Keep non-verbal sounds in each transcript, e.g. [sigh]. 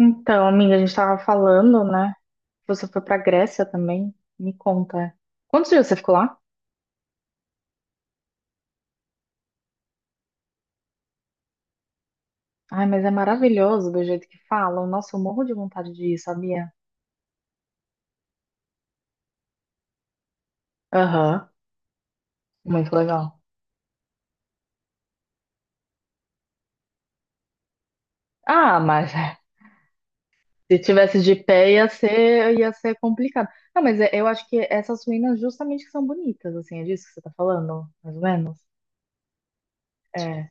Então, amiga, a gente tava falando, né? Você foi pra Grécia também? Me conta. Quantos dias você ficou lá? Ai, mas é maravilhoso do jeito que falam. Nossa, eu morro de vontade de ir, sabia? Aham, muito legal. Ah, mas [laughs] se tivesse de pé ia ser complicado. Não, mas eu acho que essas ruínas justamente que são bonitas, assim, é disso que você tá falando, mais ou menos? É.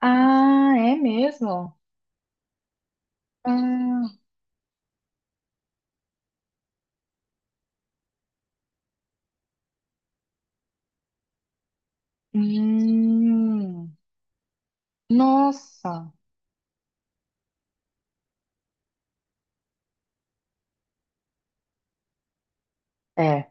Ah, é mesmo? Ah, hum, nossa. É.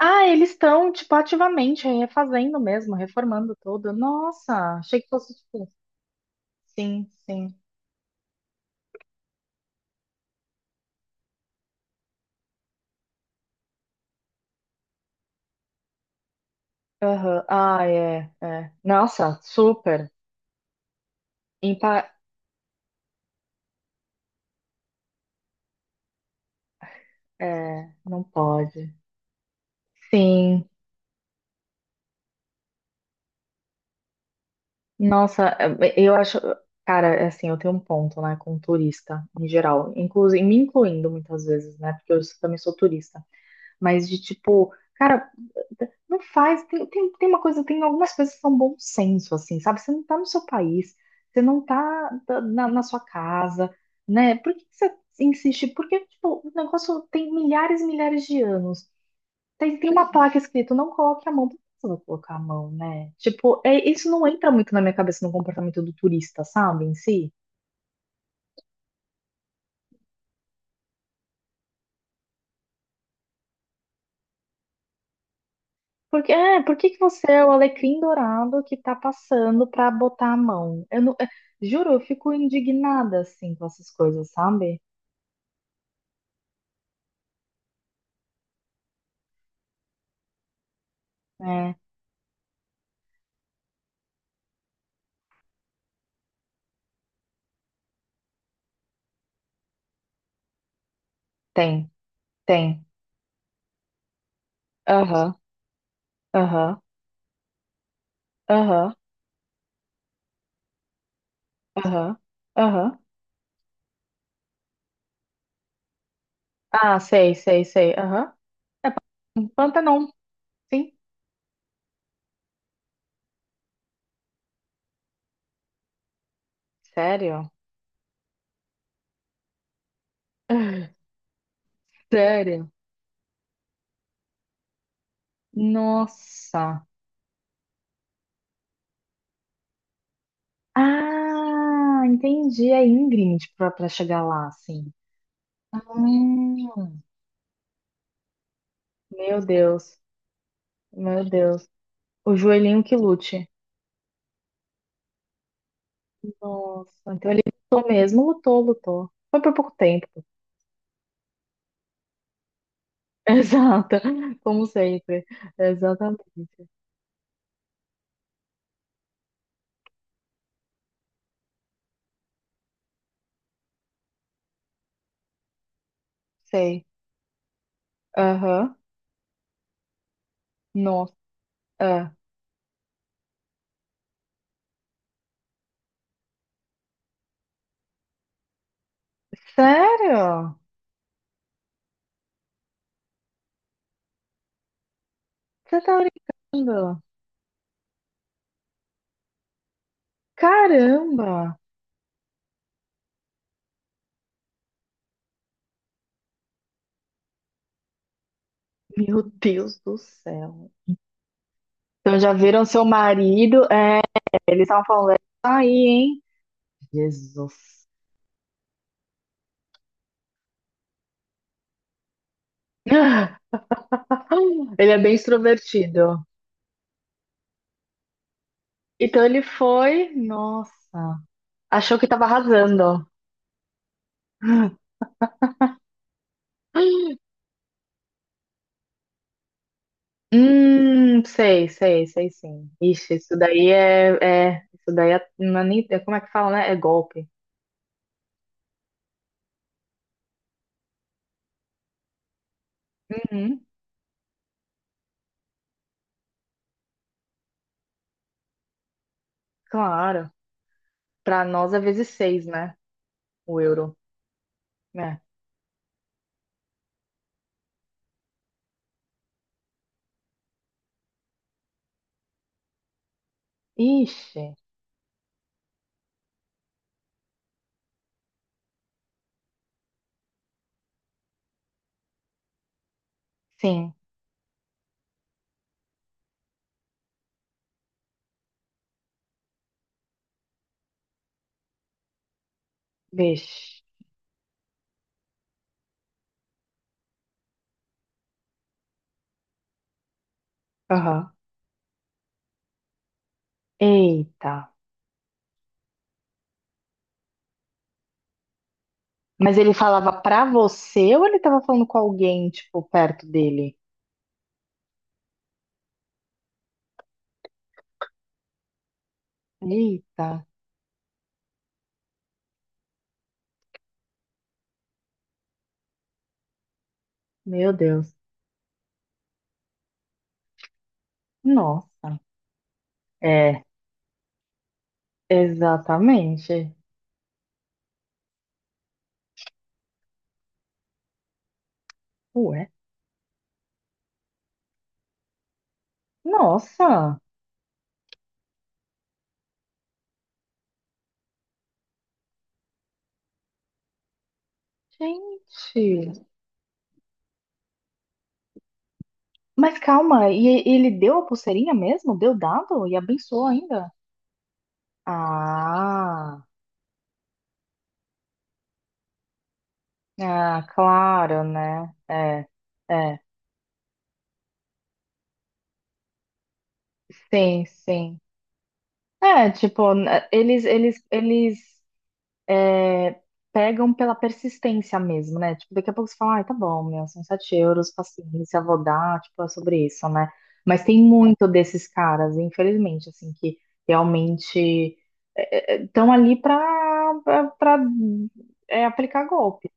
Ah, eles estão, tipo, ativamente refazendo mesmo, reformando tudo. Nossa, achei que fosse, tipo, sim, sim. Aham. Ah, é, é. Nossa, super. Impa... É, não pode. Sim. Nossa, eu acho... Cara, é assim, eu tenho um ponto, né, com turista, em geral. Inclusive, me incluindo muitas vezes, né, porque eu também sou turista, mas de tipo, cara, não faz. Tem uma coisa, tem algumas coisas que são bom senso, assim, sabe? Você não tá no seu país, você não tá na sua casa, né? Por que que você insiste? Porque, tipo, o negócio tem milhares e milhares de anos. Tem uma placa escrito, não coloque a mão. Por que você vai colocar a mão, né? Tipo, isso não entra muito na minha cabeça no comportamento do turista, sabe? Em si. Por que que você é o alecrim dourado que tá passando pra botar a mão? Eu não, é, Juro, eu fico indignada assim com essas coisas, sabe? É, tem, tem. Aham, aham, aham, aham, aham. Ah, sei, sei, sei. Aham. Pantanon, sim. Sério? [laughs] Sério? Nossa. Ah, entendi. É íngreme tipo, pra chegar lá, assim. Hum, meu Deus, meu Deus. O joelhinho que lute. Nossa, então ele lutou mesmo, lutou, lutou. Foi por pouco tempo. [laughs] Exato, como sempre. Exatamente. Sei. Aham. Nossa. Ah, sério? Você tá brincando? Caramba! Meu Deus do céu. Então já viram seu marido? É, eles estavam falando, "É isso aí, hein?" Jesus. [laughs] Ele é bem extrovertido. Então ele foi, nossa, achou que tava arrasando. [laughs] Sei, sei, sei sim. Ixi, isso daí é, não é nem, como é que fala, né? É golpe. Uhum, claro. Pra nós é vezes seis, né? O euro, né? Ixi, sim, vixe. Aham. Eita. Mas ele falava pra você ou ele tava falando com alguém, tipo, perto dele? Eita, meu Deus. Nossa. É, exatamente. Ué, nossa. Gente. Mas calma, ele deu a pulseirinha mesmo? Deu dado? E abençoou ainda? Ah, ah, claro, né? É, é. Sim, sim. É, tipo, eles pegam pela persistência mesmo, né? Tipo, daqui a pouco você fala, ai, tá bom, meu, são 7 euros, paciência, vou dar, tipo, é sobre isso, né? Mas tem muito desses caras, infelizmente, assim, que realmente estão ali pra, pra, aplicar golpe.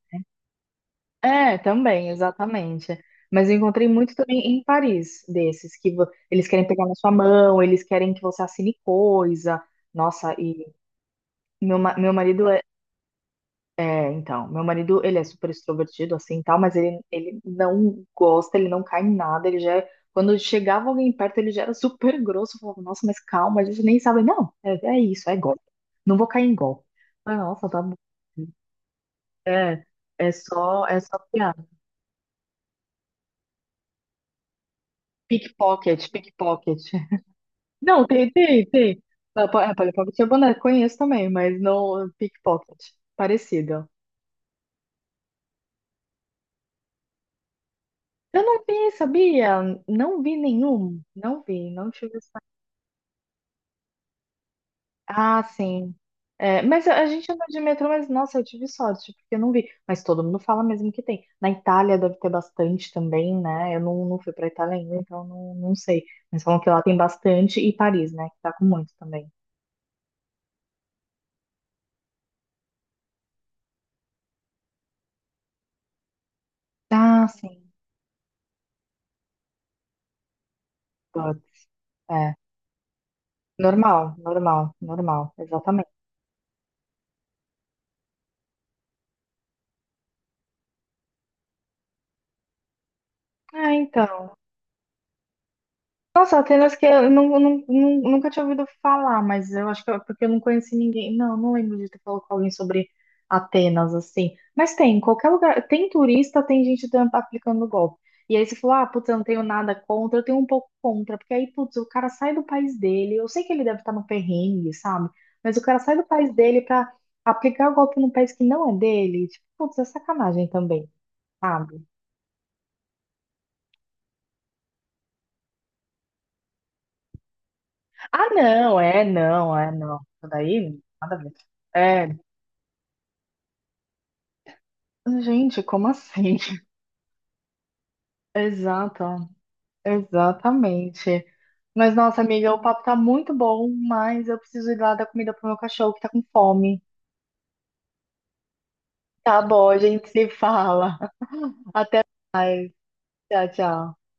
É, também, exatamente. Mas eu encontrei muito também em Paris, desses, que eles querem pegar na sua mão, eles querem que você assine coisa. Nossa, e meu, ma- meu marido é, é, então, meu marido, ele é super extrovertido, assim, tal, mas ele não gosta, ele não cai em nada, ele já, quando chegava alguém perto, ele já era super grosso, eu falava, nossa, mas calma, a gente nem sabe, não, é isso, é golpe, não vou cair em golpe. Eu falei, nossa, tá bom, é, é só piada. Pickpocket, pickpocket. Não, tem, tem, tem. Ah, Polly Pocket é boneco, conheço também, mas não pickpocket. Parecido. Eu não vi, sabia? Não vi nenhum. Não vi, não tive sorte. Ah, sim. É, mas a gente anda de metrô, mas nossa, eu tive sorte, porque eu não vi. Mas todo mundo fala mesmo que tem. Na Itália deve ter bastante também, né? Eu não, não fui pra Itália ainda, então não, não sei. Mas falam que lá tem bastante, e Paris, né? Que tá com muito também. Ah, sim. Putz, é. Normal, normal, normal. Exatamente. Ah, então. Nossa, Atenas que eu não, não- não- nunca tinha ouvido falar, mas eu acho que é porque eu não conheci ninguém. Não, não lembro de ter falado com alguém sobre Atenas, assim. Mas tem, em qualquer lugar. Tem turista, tem gente aplicando golpe. E aí você falou, ah, putz, eu não tenho nada contra, eu tenho um pouco contra, porque aí, putz, o cara sai do país dele. Eu sei que ele deve estar no perrengue, sabe? Mas o cara sai do país dele pra aplicar o golpe num país que não é dele. Tipo, putz, é sacanagem também, sabe? Ah, não, é, não, é, não. Isso daí, nada a ver. É, gente, como assim? [laughs] Exato, exatamente. Mas, nossa, amiga, o papo tá muito bom, mas eu preciso ir lá dar comida pro meu cachorro que tá com fome. Tá bom, a gente se fala. [laughs] Até, tchau, tchau.